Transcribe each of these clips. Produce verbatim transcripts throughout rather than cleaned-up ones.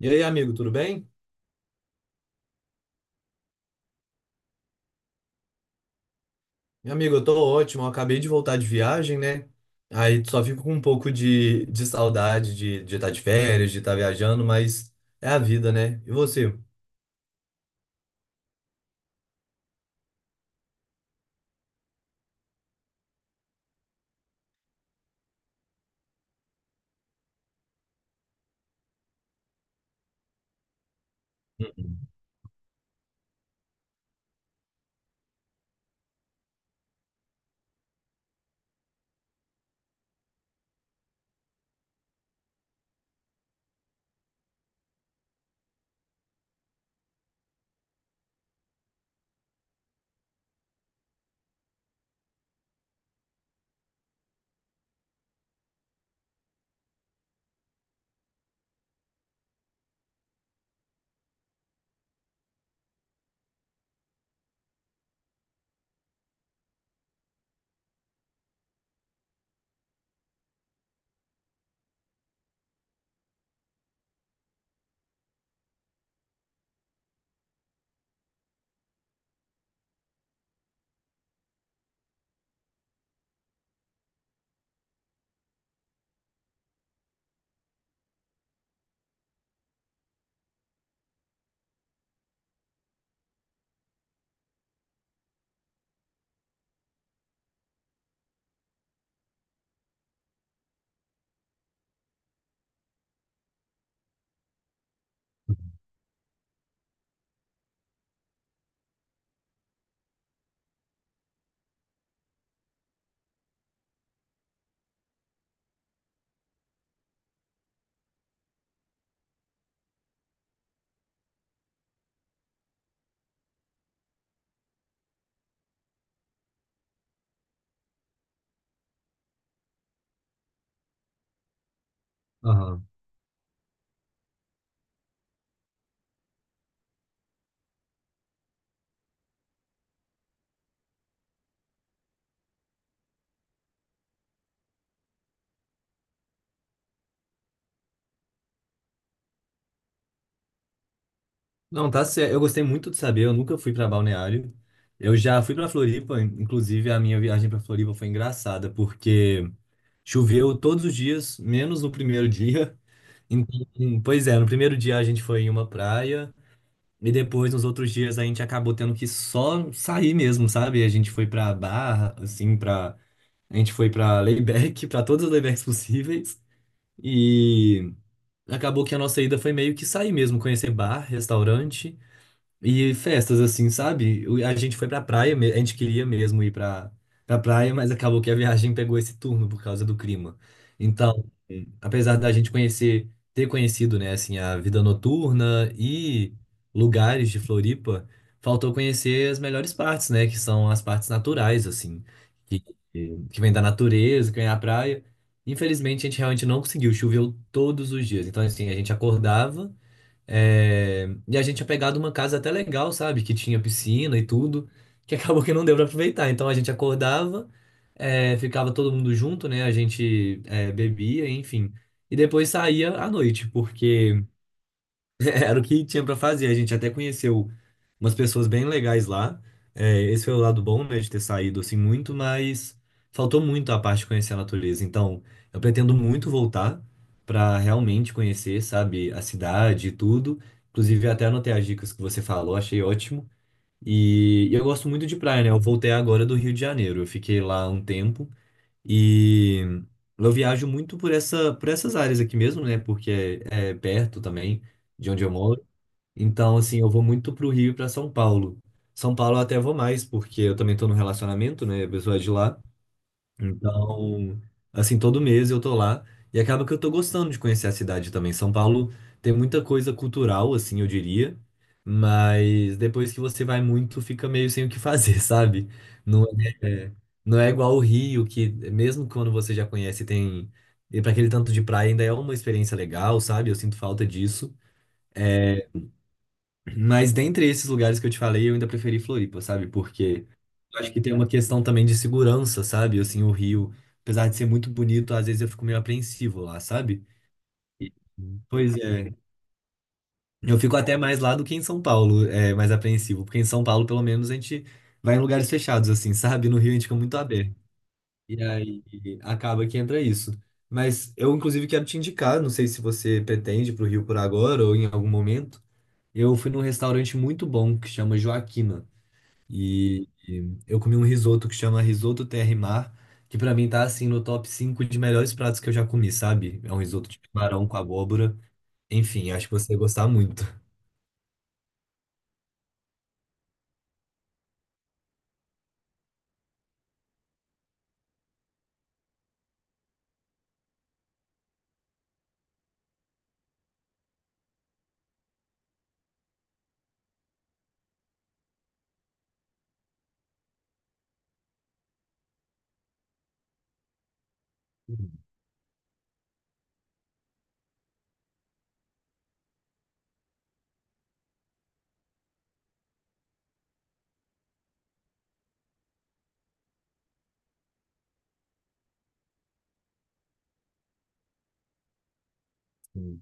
E aí, amigo, tudo bem? Meu amigo, eu tô ótimo. Eu acabei de voltar de viagem, né? Aí só fico com um pouco de, de saudade de de estar de férias, de estar viajando, mas é a vida, né? E você? Uhum. Aham. Não, tá certo. Eu gostei muito de saber. Eu nunca fui pra Balneário. Eu já fui pra Floripa. in- Inclusive, a minha viagem pra Floripa foi engraçada, porque choveu todos os dias, menos no primeiro dia. Então, pois é, no primeiro dia a gente foi em uma praia. E depois, nos outros dias, a gente acabou tendo que só sair mesmo, sabe? A gente foi pra Barra, assim, pra... A gente foi pra Layback, pra todas as Laybacks possíveis. E acabou que a nossa ida foi meio que sair mesmo, conhecer bar, restaurante. E festas, assim, sabe? O- A gente foi pra praia, me- a gente queria mesmo ir pra, pra praia, mas acabou que a viagem pegou esse turno por causa do clima. Então, apesar da gente conhecer, ter conhecido, né, assim, a vida noturna e lugares de Floripa, faltou conhecer as melhores partes, né, que são as partes naturais, assim, que, que vem da natureza, que vem da praia. Infelizmente, a gente realmente não conseguiu, choveu todos os dias. Então, assim, a gente acordava. É, E a gente tinha pegado uma casa até legal, sabe? Que tinha piscina e tudo, que acabou que não deu pra aproveitar. Então a gente acordava, é, ficava todo mundo junto, né? A gente é, bebia, enfim. E depois saía à noite, porque era o que tinha para fazer. A gente até conheceu umas pessoas bem legais lá. É, esse foi o lado bom, né, de ter saído assim muito, mas faltou muito a parte de conhecer a natureza. Então, eu pretendo muito voltar para realmente conhecer, sabe, a cidade e tudo. Inclusive, até anotei as dicas que você falou, achei ótimo. E, e eu gosto muito de praia, né? Eu voltei agora do Rio de Janeiro. Eu fiquei lá um tempo e eu viajo muito por essa, por essas áreas aqui mesmo, né? Porque é é perto também de onde eu moro. Então, assim, eu vou muito pro Rio e pra São Paulo. São Paulo eu até vou mais, porque eu também tô num relacionamento, né? A pessoa é de lá. Então, assim, todo mês eu tô lá. E acaba que eu tô gostando de conhecer a cidade também. São Paulo tem muita coisa cultural, assim, eu diria. Mas depois que você vai muito, fica meio sem o que fazer, sabe? Não é, é, não é igual o Rio, que mesmo quando você já conhece, tem. E para aquele tanto de praia ainda é uma experiência legal, sabe? Eu sinto falta disso. É, mas dentre esses lugares que eu te falei, eu ainda preferi Floripa, sabe? Porque eu acho que tem uma questão também de segurança, sabe? Assim, o Rio, apesar de ser muito bonito, às vezes eu fico meio apreensivo lá, sabe? E- Pois é. Eu fico até mais lá do que em São Paulo, é, mais apreensivo. Porque em São Paulo, pelo menos, a gente vai em lugares fechados, assim, sabe? No Rio a gente fica muito aberto. E aí acaba que entra isso. Mas eu, inclusive, quero te indicar, não sei se você pretende para o Rio por agora ou em algum momento. Eu fui num restaurante muito bom que chama Joaquina. E, e eu comi um risoto que chama Risoto Terra e Mar, que pra mim tá assim no top cinco de melhores pratos que eu já comi, sabe? É um risoto de camarão com abóbora. Enfim, acho que você ia gostar muito. Sim,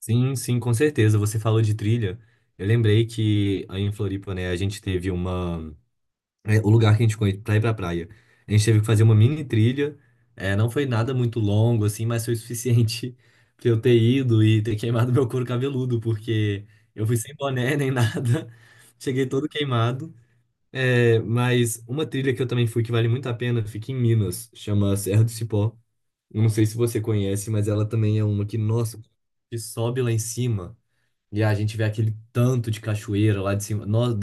sim, sim, com certeza. Você falou de trilha. Eu lembrei que aí em Floripa, né, a gente teve uma. É, o lugar que a gente foi pra ir pra praia. A gente teve que fazer uma mini trilha. É, não foi nada muito longo, assim, mas foi o suficiente pra eu ter ido e ter queimado meu couro cabeludo, porque eu fui sem boné nem nada. Cheguei todo queimado. É, mas uma trilha que eu também fui que vale muito a pena, fica em Minas, chama Serra do Cipó. Eu não sei se você conhece, mas ela também é uma que, nossa, que sobe lá em cima e a gente vê aquele tanto de cachoeira lá de cima. Nossa,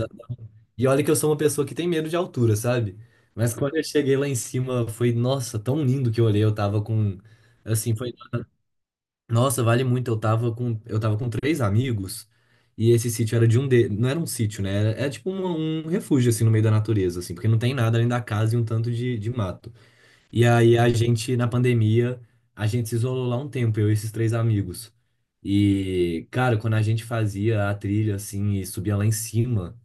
e olha que eu sou uma pessoa que tem medo de altura, sabe? Mas quando eu cheguei lá em cima, foi, nossa, tão lindo que eu olhei. Eu tava com, assim, foi, nossa, vale muito. Eu tava com, eu tava com três amigos e esse sítio era de um de, não era um sítio, né? Era, era tipo um, um refúgio, assim, no meio da natureza, assim, porque não tem nada além da casa e um tanto de, de mato. E aí a gente, na pandemia, a gente se isolou lá um tempo, eu e esses três amigos. E, cara, quando a gente fazia a trilha assim e subia lá em cima,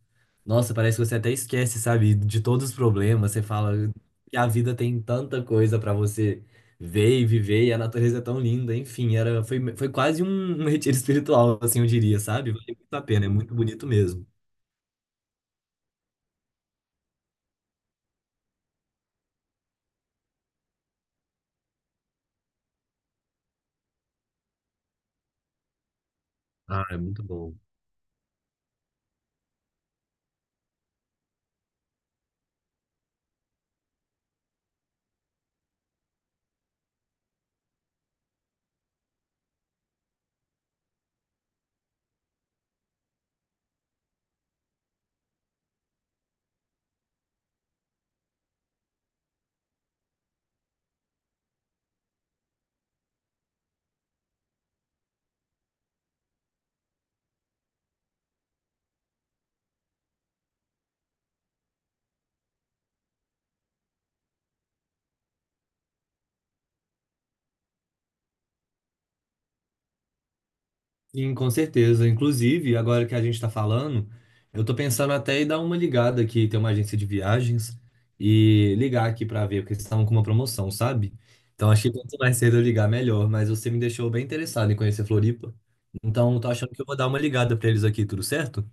nossa, parece que você até esquece, sabe, de todos os problemas. Você fala que a vida tem tanta coisa pra você ver e viver, e a natureza é tão linda. Enfim, era, foi, foi quase um, um retiro espiritual, assim, eu diria, sabe? Vale muito a pena, é muito bonito mesmo. Ah, é muito bom. Sim, com certeza. Inclusive, agora que a gente está falando, eu tô pensando até em dar uma ligada aqui, ter uma agência de viagens, e ligar aqui para ver, porque eles estavam com uma promoção, sabe? Então, acho que quanto mais cedo eu ligar, melhor. Mas você me deixou bem interessado em conhecer Floripa. Então, eu tô achando que eu vou dar uma ligada para eles aqui, tudo certo?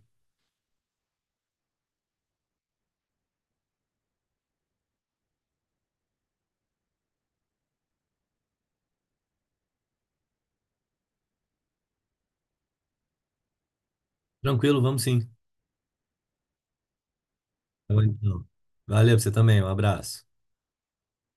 Tranquilo, vamos sim. Tá bom, então. Valeu, pra você também, um abraço.